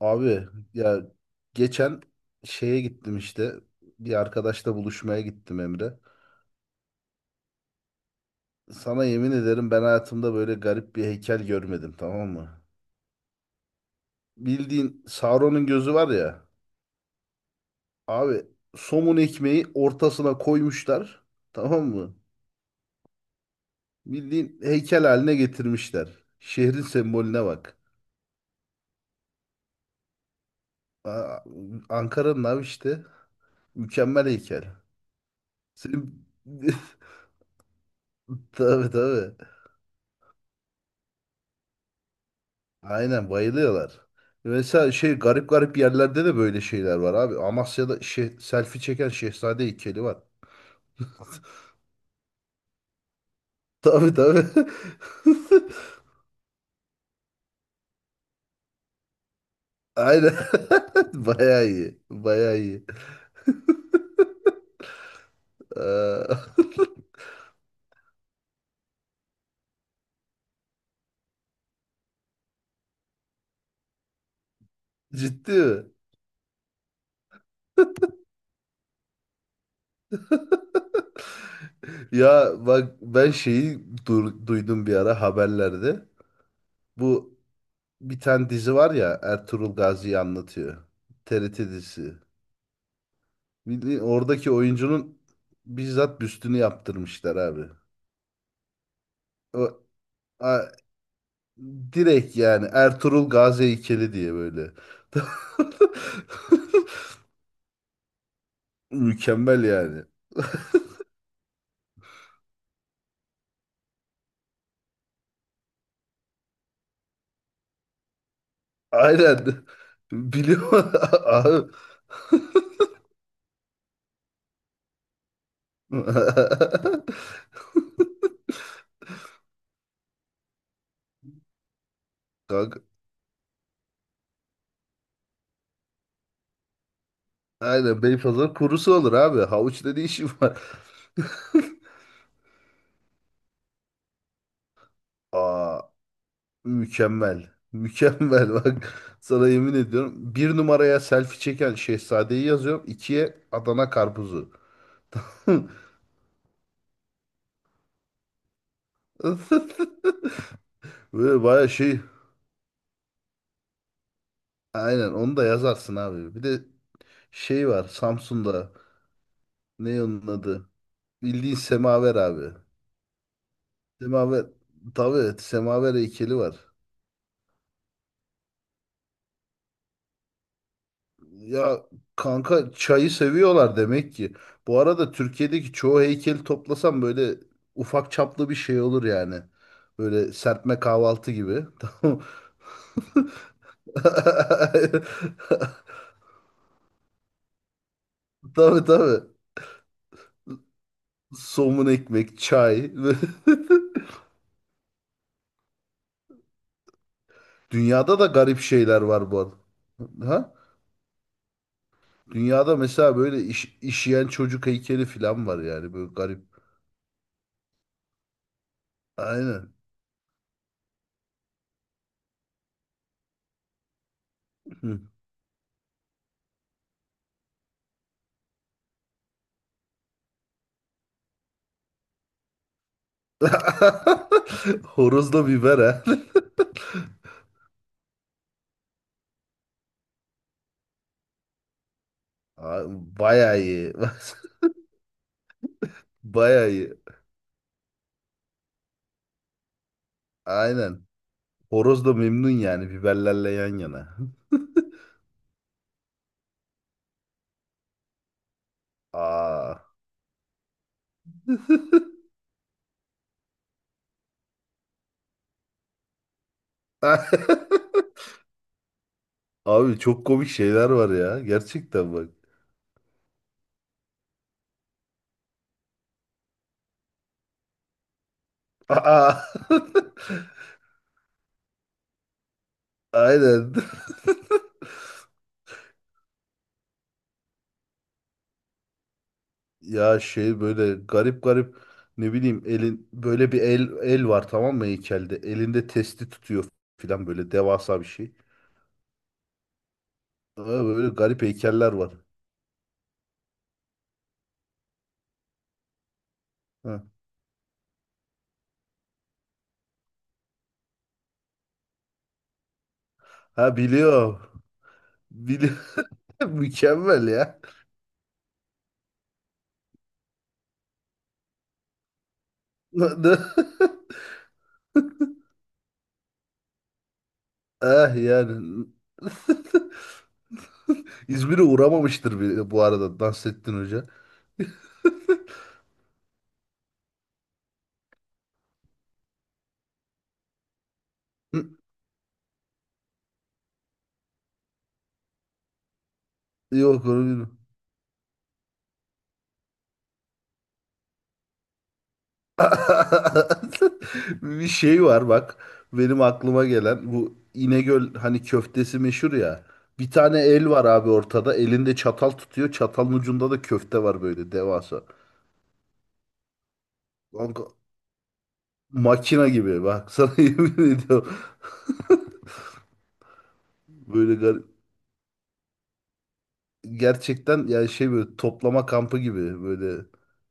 Abi ya geçen şeye gittim işte. Bir arkadaşla buluşmaya gittim Emre. Sana yemin ederim ben hayatımda böyle garip bir heykel görmedim, tamam mı? Bildiğin Sauron'un gözü var ya. Abi somun ekmeği ortasına koymuşlar. Tamam mı? Bildiğin heykel haline getirmişler. Şehrin sembolüne bak. Aa, Ankara'nın abi işte. Mükemmel heykel. Senin... Tabii tabii. Aynen bayılıyorlar. Mesela şey garip garip yerlerde de böyle şeyler var abi. Amasya'da şey, selfie çeken şehzade heykeli var. Tabii tabii. Aynen. Bayağı iyi. Bayağı iyi. Ee, Ciddi mi? Ya bak ben şeyi duydum bir ara haberlerde. Bu bir tane dizi var ya Ertuğrul Gazi'yi anlatıyor. TRT dizisi. Bildiğin oradaki oyuncunun bizzat büstünü yaptırmışlar abi. O a- direkt yani Ertuğrul Gazi heykeli diye böyle. Mükemmel yani. Aynen. Biliyorum abi. Kanka, aynen Beypazarı kurusu olur abi. Havuç dediği işi var. Aa, mükemmel. Mükemmel bak. Sana yemin ediyorum. Bir numaraya selfie çeken şehzadeyi yazıyorum. İkiye Adana karpuzu. Böyle baya şey. Aynen onu da yazarsın abi. Bir de şey var Samsun'da. Ne onun adı? Bildiğin semaver abi. Semaver. Tabii evet, semaver heykeli var. Ya kanka çayı seviyorlar demek ki. Bu arada Türkiye'deki çoğu heykeli toplasam böyle ufak çaplı bir şey olur yani. Böyle serpme kahvaltı gibi. Tamam. Tabii tabii. Somun ekmek, çay. Dünyada da garip şeyler var bu arada. Ha? Dünyada mesela böyle iş, işeyen çocuk heykeli falan var yani böyle garip. Aynen. Hı. Horozla biber ha. Aa, bayağı iyi. Bayağı iyi. Aynen. Horoz da memnun yani biberlerle yan yana. Aa. Abi çok komik şeyler var ya. Gerçekten bak. Aa. Aynen. Ya şey böyle garip garip ne bileyim elin böyle bir el var tamam mı heykelde. Elinde testi tutuyor filan böyle devasa bir şey. Ha, Böyle garip heykeller var. Ha, ha, biliyorum. Bili- Mükemmel ya. Na- na- Ah yani. İzmir'e uğramamıştır bile bu arada Nasrettin Hoca. Hı, yok onu bilmiyorum. Bir şey var bak. Benim aklıma gelen bu İnegöl hani köftesi meşhur ya. Bir tane el var abi ortada. Elinde çatal tutuyor. Çatalın ucunda da köfte var böyle devasa. Kanka, makina gibi. Bak sana yemin ediyorum. Böyle garip. Gerçekten yani şey böyle toplama kampı gibi böyle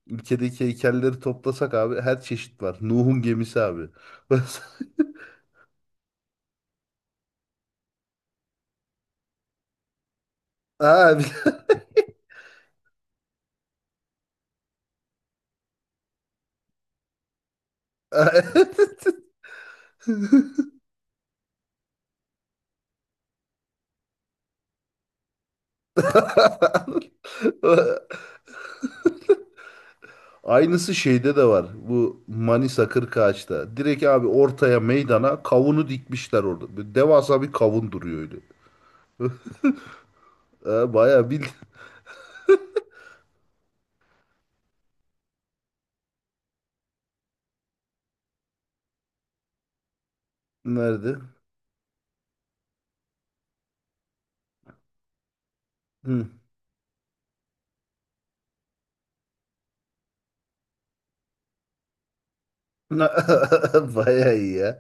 ülkedeki heykelleri toplasak abi her çeşit var. Nuh'un gemisi abi. Abi. Aynısı şeyde de var. Bu Manisa Kırkağaç'ta. Direkt abi ortaya meydana kavunu dikmişler orada. Böyle devasa bir kavun duruyor öyle. Bayağı bil. Nerede? Hı. Bayağı iyi ya.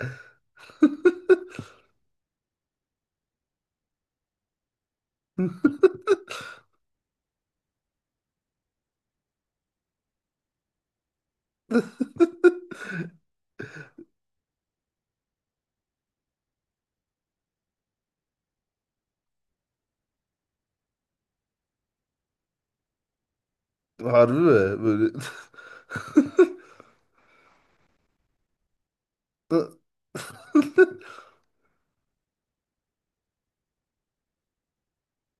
Harbi mi? Böyle.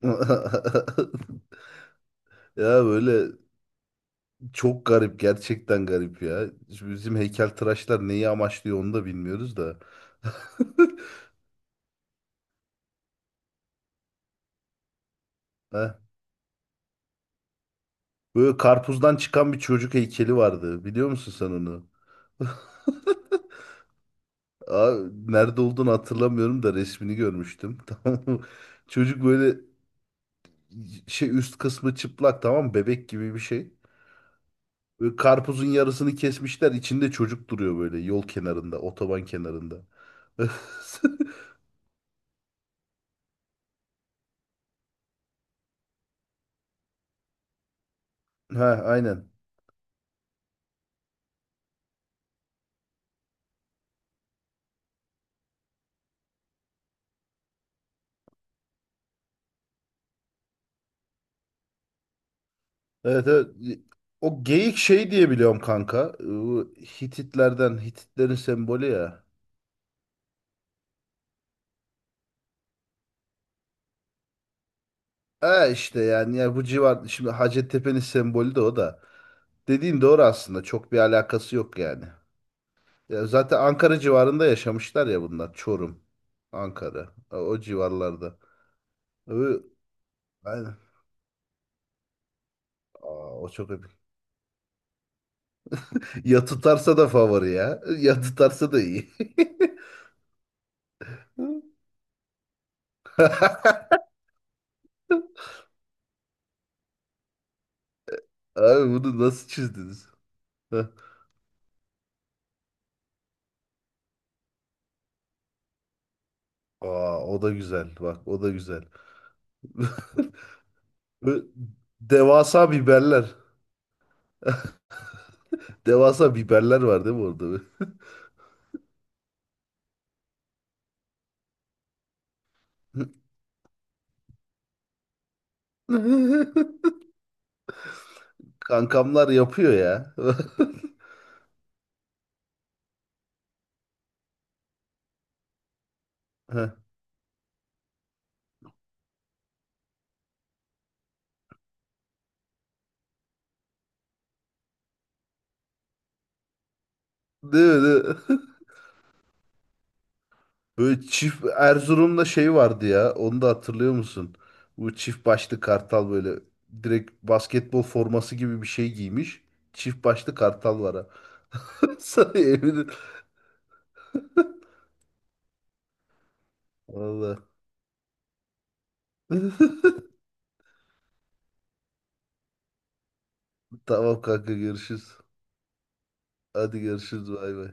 Ya böyle çok garip gerçekten garip ya. Şimdi bizim heykeltıraşlar neyi amaçlıyor onu da bilmiyoruz da. Heh. Böyle karpuzdan çıkan bir çocuk heykeli vardı. Biliyor musun sen onu? Aa, nerede olduğunu hatırlamıyorum da resmini görmüştüm. Tamam mı? Çocuk böyle şey üst kısmı çıplak tamam mı? Bebek gibi bir şey. Böyle karpuzun yarısını kesmişler. İçinde çocuk duruyor böyle yol kenarında, otoban kenarında. Ha aynen. Evet, evet. O geyik şey diye biliyorum kanka. Bu Hititlerden, Hititlerin sembolü ya. E işte yani ya bu civar şimdi Hacettepe'nin sembolü de o da. Dediğin doğru aslında. Çok bir alakası yok yani. Ya zaten Ankara civarında yaşamışlar ya bunlar. Çorum, Ankara. O, o civarlarda. Ö- Aynen. Aa, o çok epik. Ya tutarsa da favori ya. Ya tutarsa da iyi. Abi bunu nasıl çizdiniz? Aa, o da güzel. Bak o da güzel. Ö- Devasa biberler. Devasa biberler var değil mi orada? Kankamlar yapıyor ya. Heh. Değil mi? Değil mi? Böyle çift Erzurum'da şey vardı ya. Onu da hatırlıyor musun? Bu çift başlı kartal böyle direkt basketbol forması gibi bir şey giymiş. Çift başlı kartal var ha. Sana eminim. Valla. Tamam kanka görüşürüz. Hadi görüşürüz bay bay.